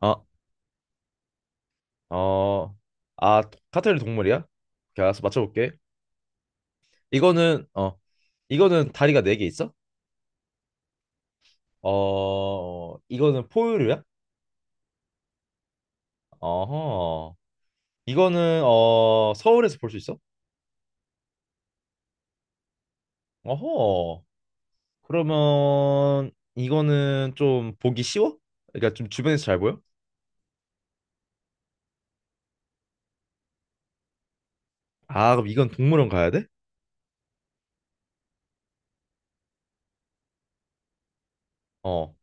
아, 어, 아, 카테르 동물이야? 오케이, 알았어, 맞춰볼게. 이거는, 어, 이거는 다리가 네 개 있어? 어, 이거는 포유류야? 어허. 이거는, 서울에서 볼 수 있어? 어허. 그러면, 이거는 좀 보기 쉬워? 그러니까 좀 주변에서 잘 보여? 아, 그럼 이건 동물원 가야 돼? 어.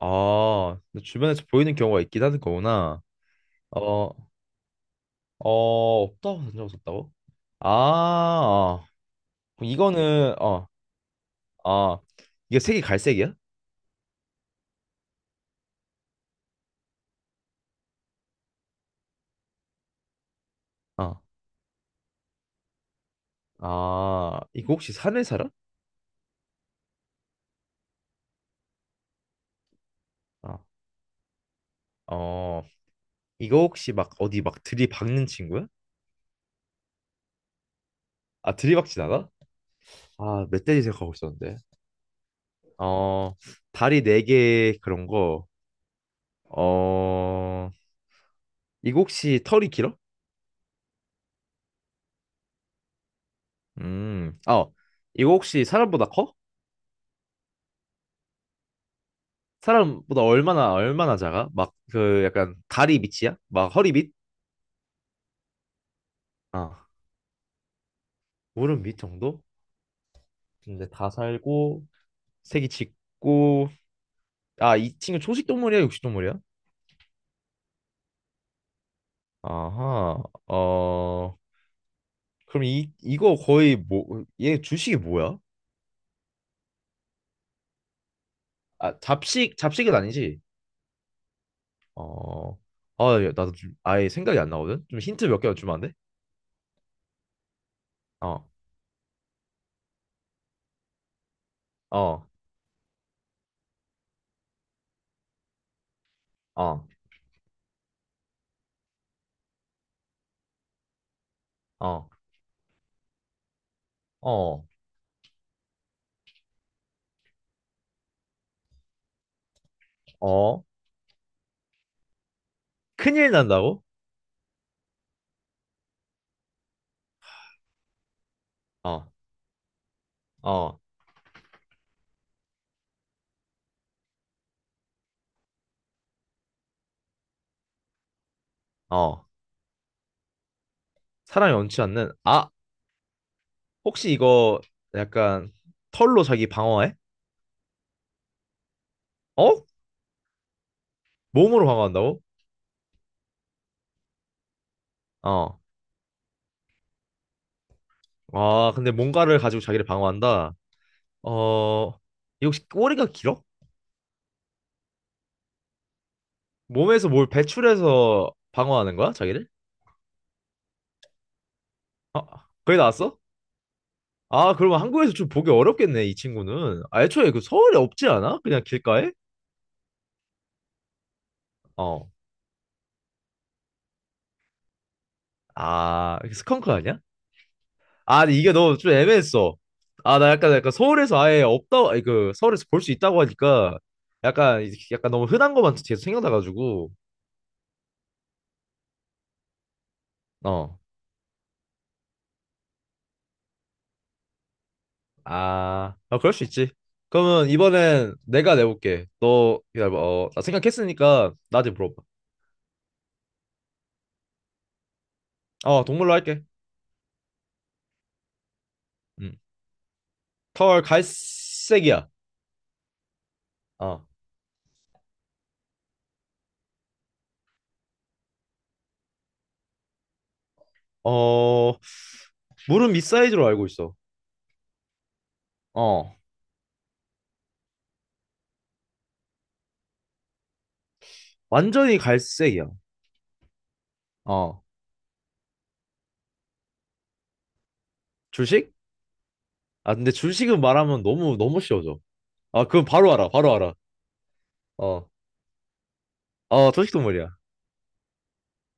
아, 근데 주변에서 보이는 경우가 있긴 하는 거구나. 어, 어, 없다고 던져봤었다고? 아, 그럼 이거는. 아, 이거 색이 갈색이야? 어, 아, 이거 혹시 산에 살아? 어, 어, 이거 혹시 막 어디 막 들이박는 친구야? 아, 들이박진 않아? 아, 멧돼지 생각하고 있었는데. 어, 다리 네 개 그런 거. 어, 이거 혹시 털이 길어? 아, 이거 혹시 사람보다 커? 사람보다 얼마나 작아? 막 그 약간 다리 밑이야? 막 허리 밑? 어, 무릎 밑 정도? 근데 다 살고. 색이 짙고. 아, 이 친구 초식 동물이야, 육식 동물이야? 아하. 어, 그럼 이 이거 거의 뭐 얘 주식이 뭐야? 아, 잡식은 아니지? 어. 아, 야, 나도 좀 아예 생각이 안 나거든? 좀 힌트 몇 개만 주면 안 돼? 어. 어. 어. 어. 어. 어. 큰일 난다고? 어. 어. 어. 사람이 원치 않는, 아. 혹시 이거 약간 털로 자기 방어해? 어? 몸으로 방어한다고? 어. 아, 근데 뭔가를 가지고 자기를 방어한다? 어, 이거 혹시 꼬리가 길어? 몸에서 뭘 배출해서 방어하는 거야, 자기를? 아, 거기 나왔어? 아, 그러면 한국에서 좀 보기 어렵겠네, 이 친구는. 아, 애초에 그 서울에 없지 않아? 그냥 길가에? 어. 아, 스컹크 아니야? 아, 근데 이게 너무 좀 애매했어. 아, 나 약간, 약간 서울에서 아예 없다, 아니, 그, 서울에서 볼 수 있다고 하니까 약간, 약간 너무 흔한 것만 계속 생각나가지고, 어. 아, 아, 그럴 수 있지. 그러면 이번엔 내가 내볼게. 너 기다려봐. 어, 나 생각했으니까 나한테 물어봐. 어, 동물로 할게. 음. 털 갈색이야. 어, 어, 물은 밑사이즈로 알고 있어. 어, 완전히 갈색이야. 어, 줄식? 아, 근데 줄식은 말하면 너무 너무 쉬워져. 아, 그건 바로 알아. 바로 알아. 어, 어, 초식 동물이야.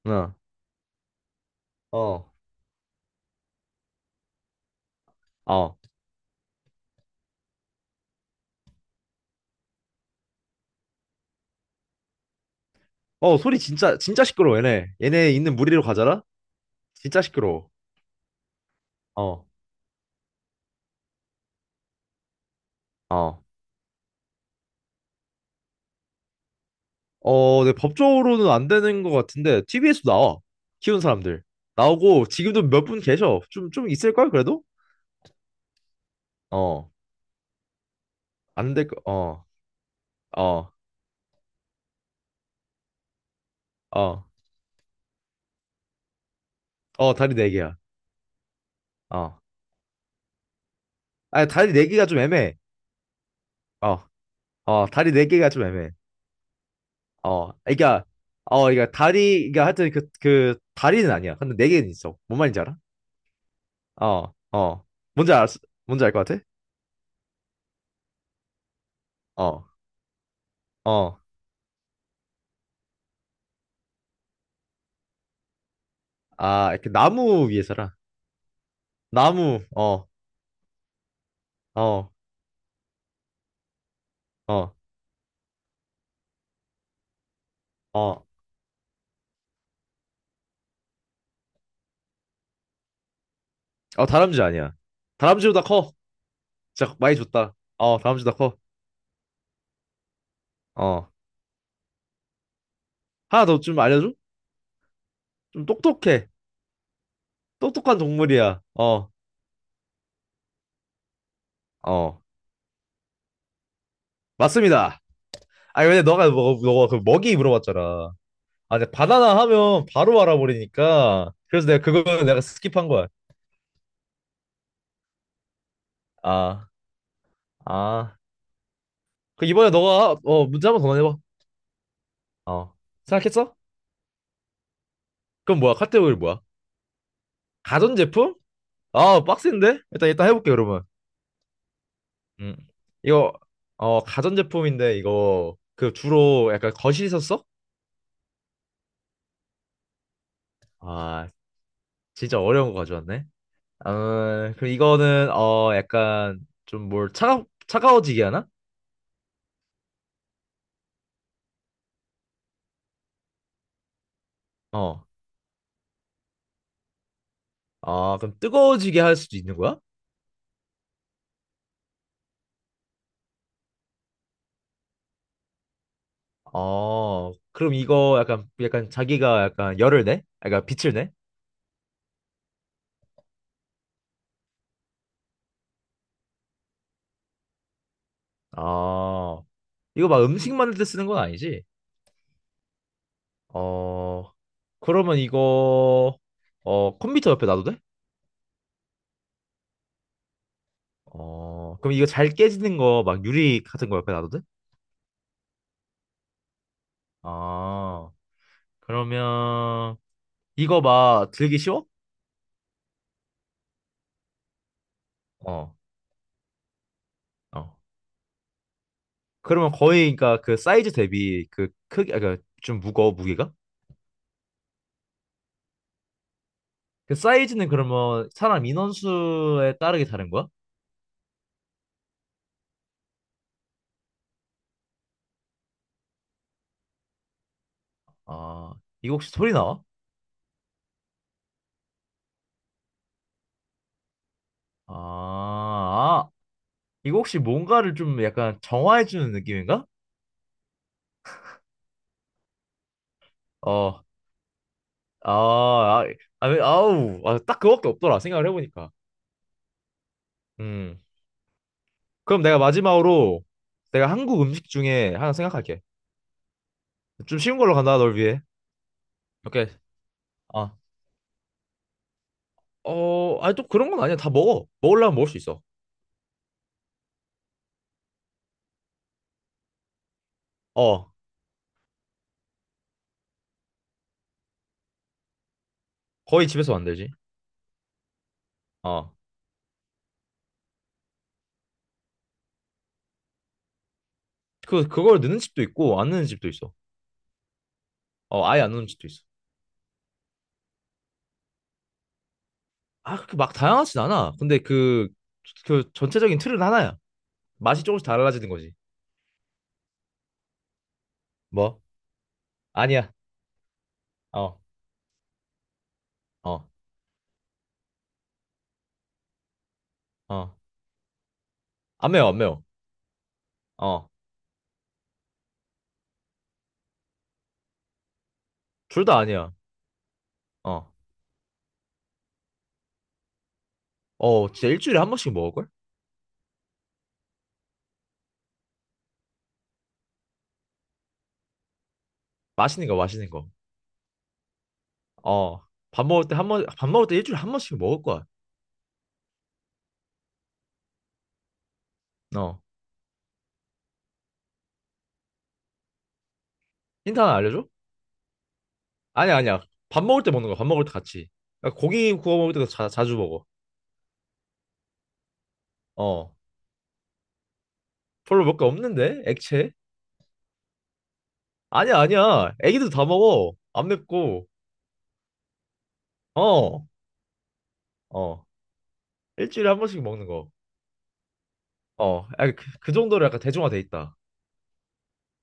어, 어, 어, 어, 소리 진짜 진짜 시끄러워. 얘네 있는 무리로 가잖아. 진짜 시끄러워. 어. 어. 어, 네, 법적으로는 안 되는 것 같은데 TV 에서 나와. 키운 사람들. 나오고 지금도 몇 분 계셔. 좀 있을걸 그래도? 어. 안 될 거. 어. 어. 어. 어, 다리 네 개야. 어. 아니, 다리 네 개가 좀 애매해. 어. 어, 다리 네 개가 좀 애매해. 어. 그러니까 그러니까 다리 그러니까 하여튼 그 다리는 아니야. 근데 네 개는 있어. 뭔 말인지 알아? 어. 어. 뭔지 알 뭔지 알 것 같아? 어. 어. 아, 이렇게 나무 위에 살아. 나무. 어. 어. 어. 어, 어, 다람쥐 아니야. 다람쥐보다 커. 진짜 많이 줬다. 어, 다람쥐보다 커. 어. 하나 더 좀 알려줘? 좀 똑똑해. 똑똑한 동물이야. 어, 어. 맞습니다. 아니, 근데 너가, 뭐, 너가 그 먹이 물어봤잖아. 아, 근데 바나나 하면 바로 알아버리니까. 그래서 내가 그거는 내가 스킵한 거야. 아, 아. 그 이번에 너가, 문제 한번 더 내봐. 어. 생각했어? 그럼 뭐야? 카테고리 뭐야? 가전제품? 아, 빡센데? 일단 해볼게, 그러면. 음. 이거 가전제품인데, 이거 그 주로 약간 거실에서 써? 아, 진짜 어려운 거 가져왔네. 아, 그럼 이거는 약간 좀 뭘 차가워지게 하나? 어. 아, 그럼 뜨거워지게 할 수도 있는 거야? 어, 그럼 이거 약간 자기가 약간 열을 내? 약간 빛을 내? 아, 이거 막 음식 만들 때 쓰는 건 아니지? 어, 그러면 이거 컴퓨터 옆에 놔도 돼? 어, 그럼 이거 잘 깨지는 거 막 유리 같은 거 옆에 놔도 돼? 아, 그러면 이거 막 들기 쉬워? 어, 어. 그러면 거의 그러니까 그 사이즈 대비 그 크기, 아, 그좀 무거워, 무게가? 그 사이즈는 그러면 사람 인원수에 따르게 다른 거야? 아, 이거 혹시 소리 나와? 아, 아, 이거 혹시 뭔가를 좀 약간 정화해주는 느낌인가? 어, 아, 아, 아, 아우, 아, 딱 그거밖에 없더라, 생각을 해보니까. 음. 그럼 내가 마지막으로 내가 한국 음식 중에 하나 생각할게. 좀 쉬운 걸로 간다, 널 위해. 오케이. 아, 아니 또 그런 건 아니야. 다 먹어. 먹으려면 먹을 수 있어. 어, 거의 집에서 만들지. 어, 그걸 넣는 집도 있고 안 넣는 집도 있어. 어, 아예 안 넣는 집도 있어. 아, 그렇게 막 다양하진 않아. 근데 그 전체적인 틀은 하나야. 맛이 조금씩 달라지는 거지. 뭐? 아니야. 어, 어, 어. 안 매워, 안 매워. 어, 둘 다 아니야. 어, 어, 진짜 일주일에 한 번씩 먹을걸? 맛있는 거, 맛있는 거. 어, 밥 먹을 때 일주일에 한 번씩 먹을 거야. 어, 힌트 하나 알려줘? 아니야, 아니야. 밥 먹을 때 먹는 거야. 밥 먹을 때 같이. 그러니까 고기 구워 먹을 때도 자주 먹어. 어, 별로 먹을 게 없는데? 액체? 아니야, 아니야. 애기도 다 먹어. 안 맵고. 어, 어. 일주일에 한 번씩 먹는 거. 어, 아, 그 정도로 약간 대중화돼 있다.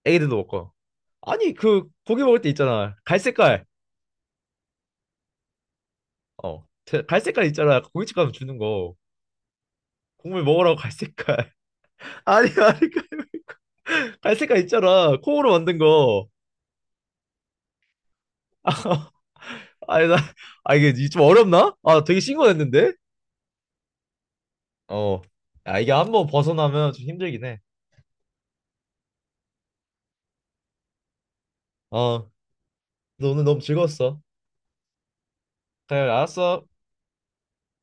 애기들도 먹고. 아니, 그 고기 먹을 때 있잖아. 갈색깔. 어, 갈색깔 있잖아. 고깃집 가면 주는 거. 국물 먹으라고 갈색깔. 아니, 아니. 그 갈색깔 있잖아. 콩으로 만든 거. 아니, 나. 아, 이게 좀 어렵나? 아, 되게 신선했는데? 어. 아, 이게 한번 벗어나면 좀 힘들긴 해. 어. 너 오늘 너무 즐거웠어. 그래, 알았어.